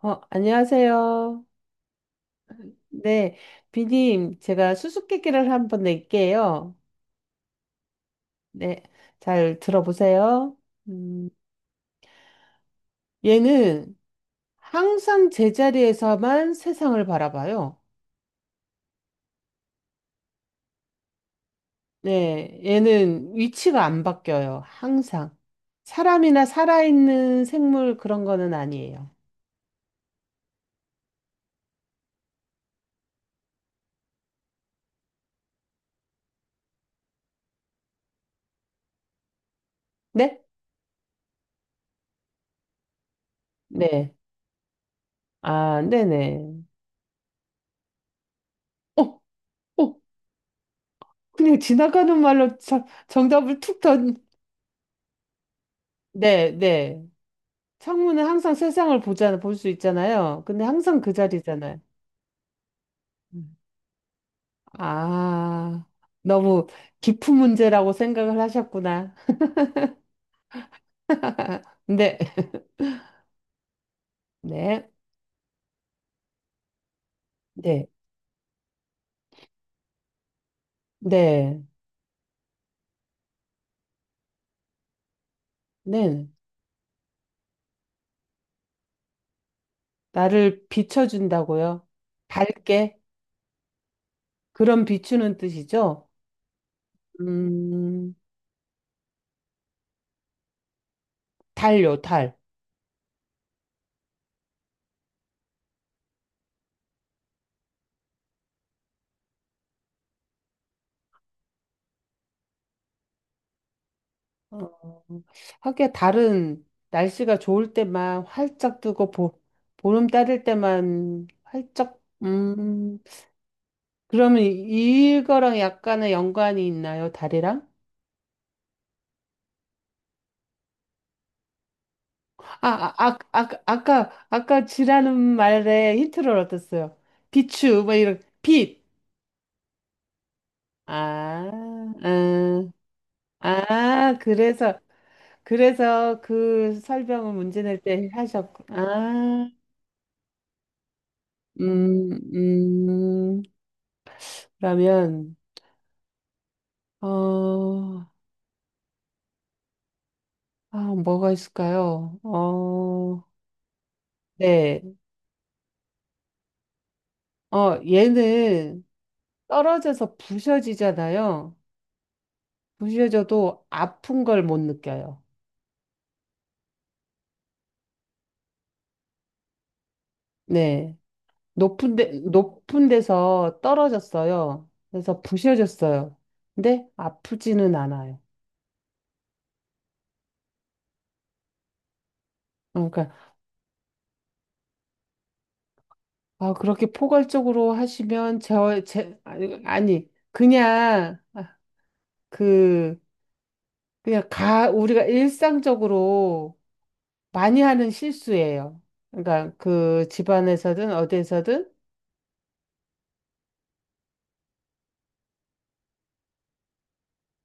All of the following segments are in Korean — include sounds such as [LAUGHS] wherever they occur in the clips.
안녕하세요. 네, 비님, 제가 수수께끼를 한번 낼게요. 네, 잘 들어보세요. 음, 얘는 항상 제자리에서만 세상을 바라봐요. 네, 얘는 위치가 안 바뀌어요. 항상. 사람이나 살아있는 생물 그런 거는 아니에요. 네? 네. 아, 네네. 어, 어, 그냥 지나가는 말로 정답을 툭 던, 네, 네. 창문은 항상 세상을 볼 수 있잖아요. 근데 항상 그 자리잖아요. 음. 아, 너무 깊은 문제라고 생각을 하셨구나. 근데, [LAUGHS] 네, 네, 네, 네. 나를 비춰준다고요? 밝게? 그런 비추는 뜻이죠? 음, 달요, 달. 어, 하기야 달은 날씨가 좋을 때만 활짝 뜨고, 보름 따를 때만 활짝. 그러면 이거랑 약간의 연관이 있나요? 다리랑? 아까 쥐라는 말에 힌트를 얻었어요. 비추, 뭐 이런, 빛. 아, 아, 아, 그래서, 그래서 그 설명을 문제 낼 때 하셨고. 음, 음, 그러면, 어, 아, 뭐가 있을까요? 네. 얘는 떨어져서 부셔지잖아요. 부셔져도 아픈 걸 못 느껴요. 네. 높은 데서 떨어졌어요. 그래서 부셔졌어요. 근데 아프지는 않아요. 그러니까, 그렇게 포괄적으로 하시면, 제, 아니, 아니, 그냥, 그, 그냥 우리가 일상적으로 많이 하는 실수예요. 그러니까, 그 집안에서든 어디에서든,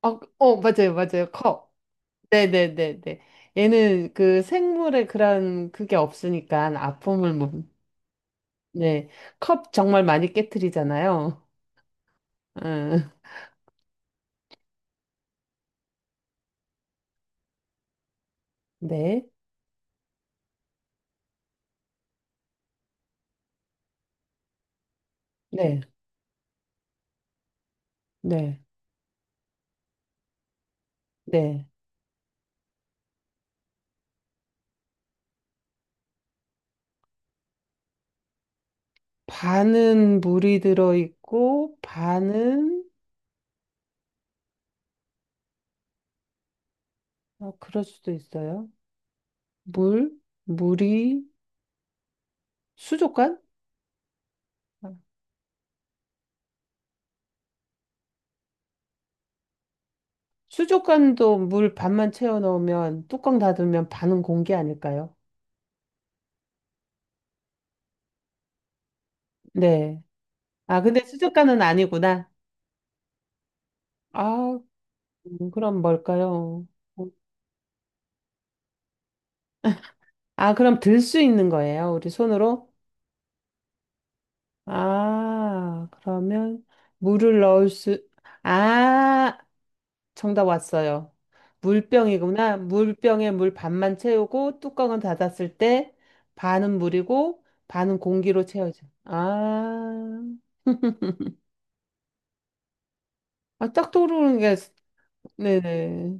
어, 맞아요, 맞아요. 컵. 네네네네. 얘는 그 생물의 그런 그게 없으니까 아픔을 못, 네. 컵 정말 많이 깨트리잖아요. 응. 네. 네. 네. 네. 반은 물이 들어있고, 반은, 아, 그럴 수도 있어요. 물, 물이, 수족관? 아, 수족관도 물 반만 채워 넣으면, 뚜껑 닫으면 반은 공기 아닐까요? 네. 아, 근데 수족관은 아니구나. 아, 그럼 뭘까요? 아, 그럼 들 수 있는 거예요? 우리 손으로? 아, 그러면 물을 넣을 수, 아, 정답 왔어요. 물병이구나. 물병에 물 반만 채우고 뚜껑은 닫았을 때 반은 물이고 반은 공기로 채워져. 딱 떠오르는 게, 네네.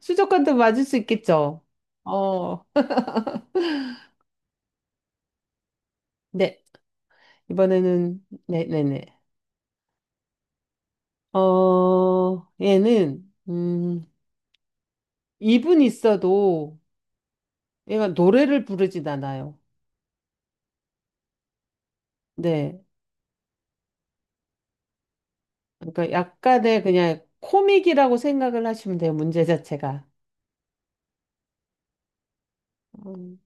수족관도 맞을 수 있겠죠? 어, 네. 이번에는, 네네네. 얘는, 입은 있어도 얘가 노래를 부르진 않아요. 네. 그러니까 약간의 그냥 코믹이라고 생각을 하시면 돼요. 문제 자체가. 음,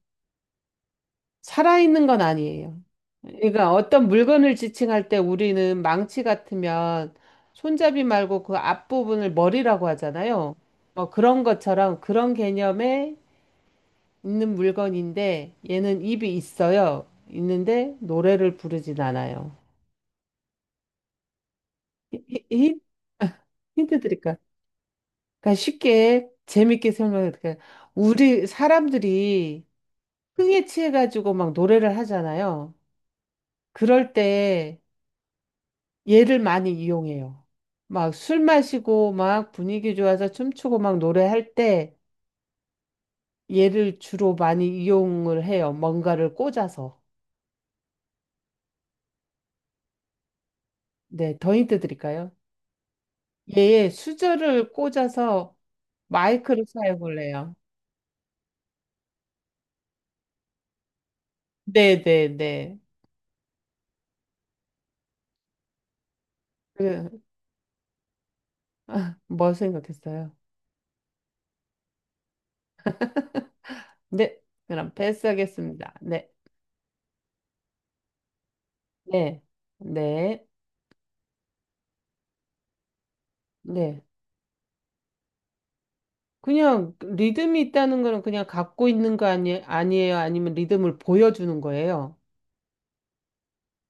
살아있는 건 아니에요. 그러니까 어떤 물건을 지칭할 때 우리는 망치 같으면 손잡이 말고 그 앞부분을 머리라고 하잖아요. 뭐 그런 것처럼 그런 개념에 있는 물건인데 얘는 입이 있어요. 있는데 노래를 부르진 않아요. 히- 히- 힌트 드릴까? 그러니까 쉽게 재밌게 설명해 드릴까? 우리 사람들이 흥에 취해 가지고 막 노래를 하잖아요. 그럴 때 얘를 많이 이용해요. 막 술 마시고 막 분위기 좋아서 춤추고 막 노래할 때 얘를 주로 많이 이용을 해요. 뭔가를 꽂아서. 네, 더 힌트 드릴까요? 얘의 수저를 꽂아서 마이크를 사용을 해요. 네, 네, 네. 그 [LAUGHS] 아, 뭐 생각했어요? 네, 그럼 패스하겠습니다. 네, 네, 네, 네. 그냥 리듬이 있다는 거는 그냥 갖고 있는 거 아니, 아니에요? 아니면 리듬을 보여주는 거예요?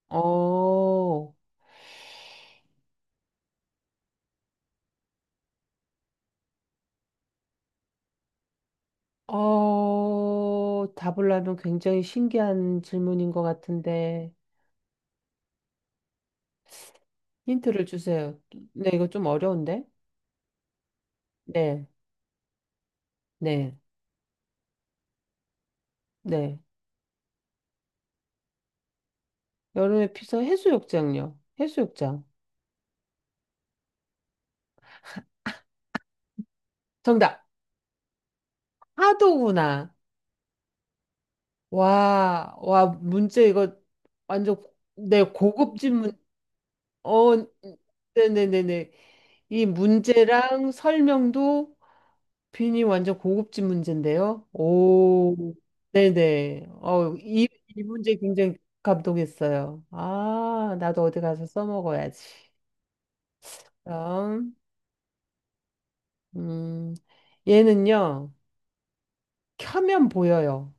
어, 답을 하면 굉장히 신기한 질문인 것 같은데, 힌트를 주세요. 네, 이거 좀 어려운데? 네, 네, 네. 여름에 피서 해수욕장요. 해수욕장. 정답. 파도구나. 와, 와, 문제 이거 완전 내 고급진 어, 네네네네. 이 문제랑 설명도 빈이 완전 고급진 문제인데요. 오, 네네. 이 문제 굉장히 감동했어요. 아, 나도 어디 가서 써먹어야지. 그럼, 음, 얘는요, 켜면 보여요.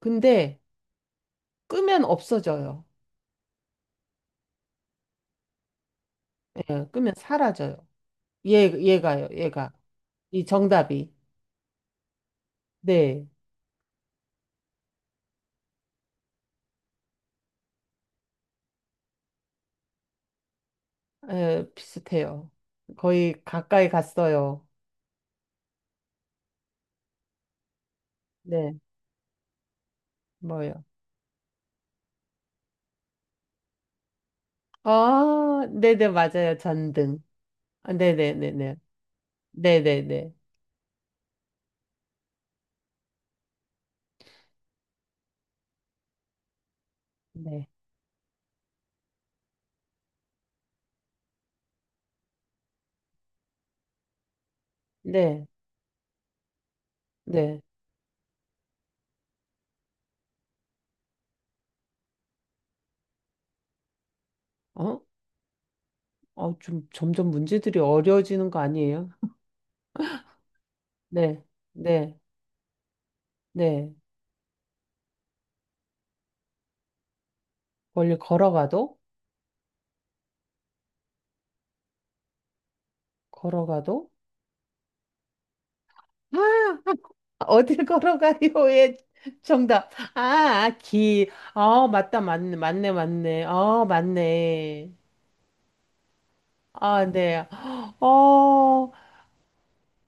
근데 끄면 없어져요. 예, 끄면 사라져요. 얘가요, 얘가. 이 정답이. 네, 비슷해요. 거의 가까이 갔어요. 네, 뭐요? 아, 네네, 맞아요. 전등. 아, 네네네네. 네네네. 네, 네, 네. 어? 좀 점점 문제들이 어려워지는 거 아니에요? [LAUGHS] 네, 네, 네. 멀리 걸어가도? 걸어가도? [LAUGHS] 아, 어딜 걸어가요의 정답. 아, 아, 길. 아, 맞다, 맞네, 맞네, 맞네. 아, 맞네. 아, 네. 어,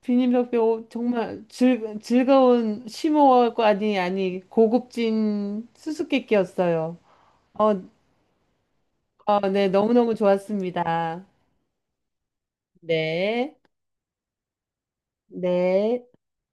비님 덕배 오, 정말 즐거운 심오하고 아니, 아니, 고급진 수수께끼였어요. 어, 네, 너무너무 좋았습니다. 네, 네.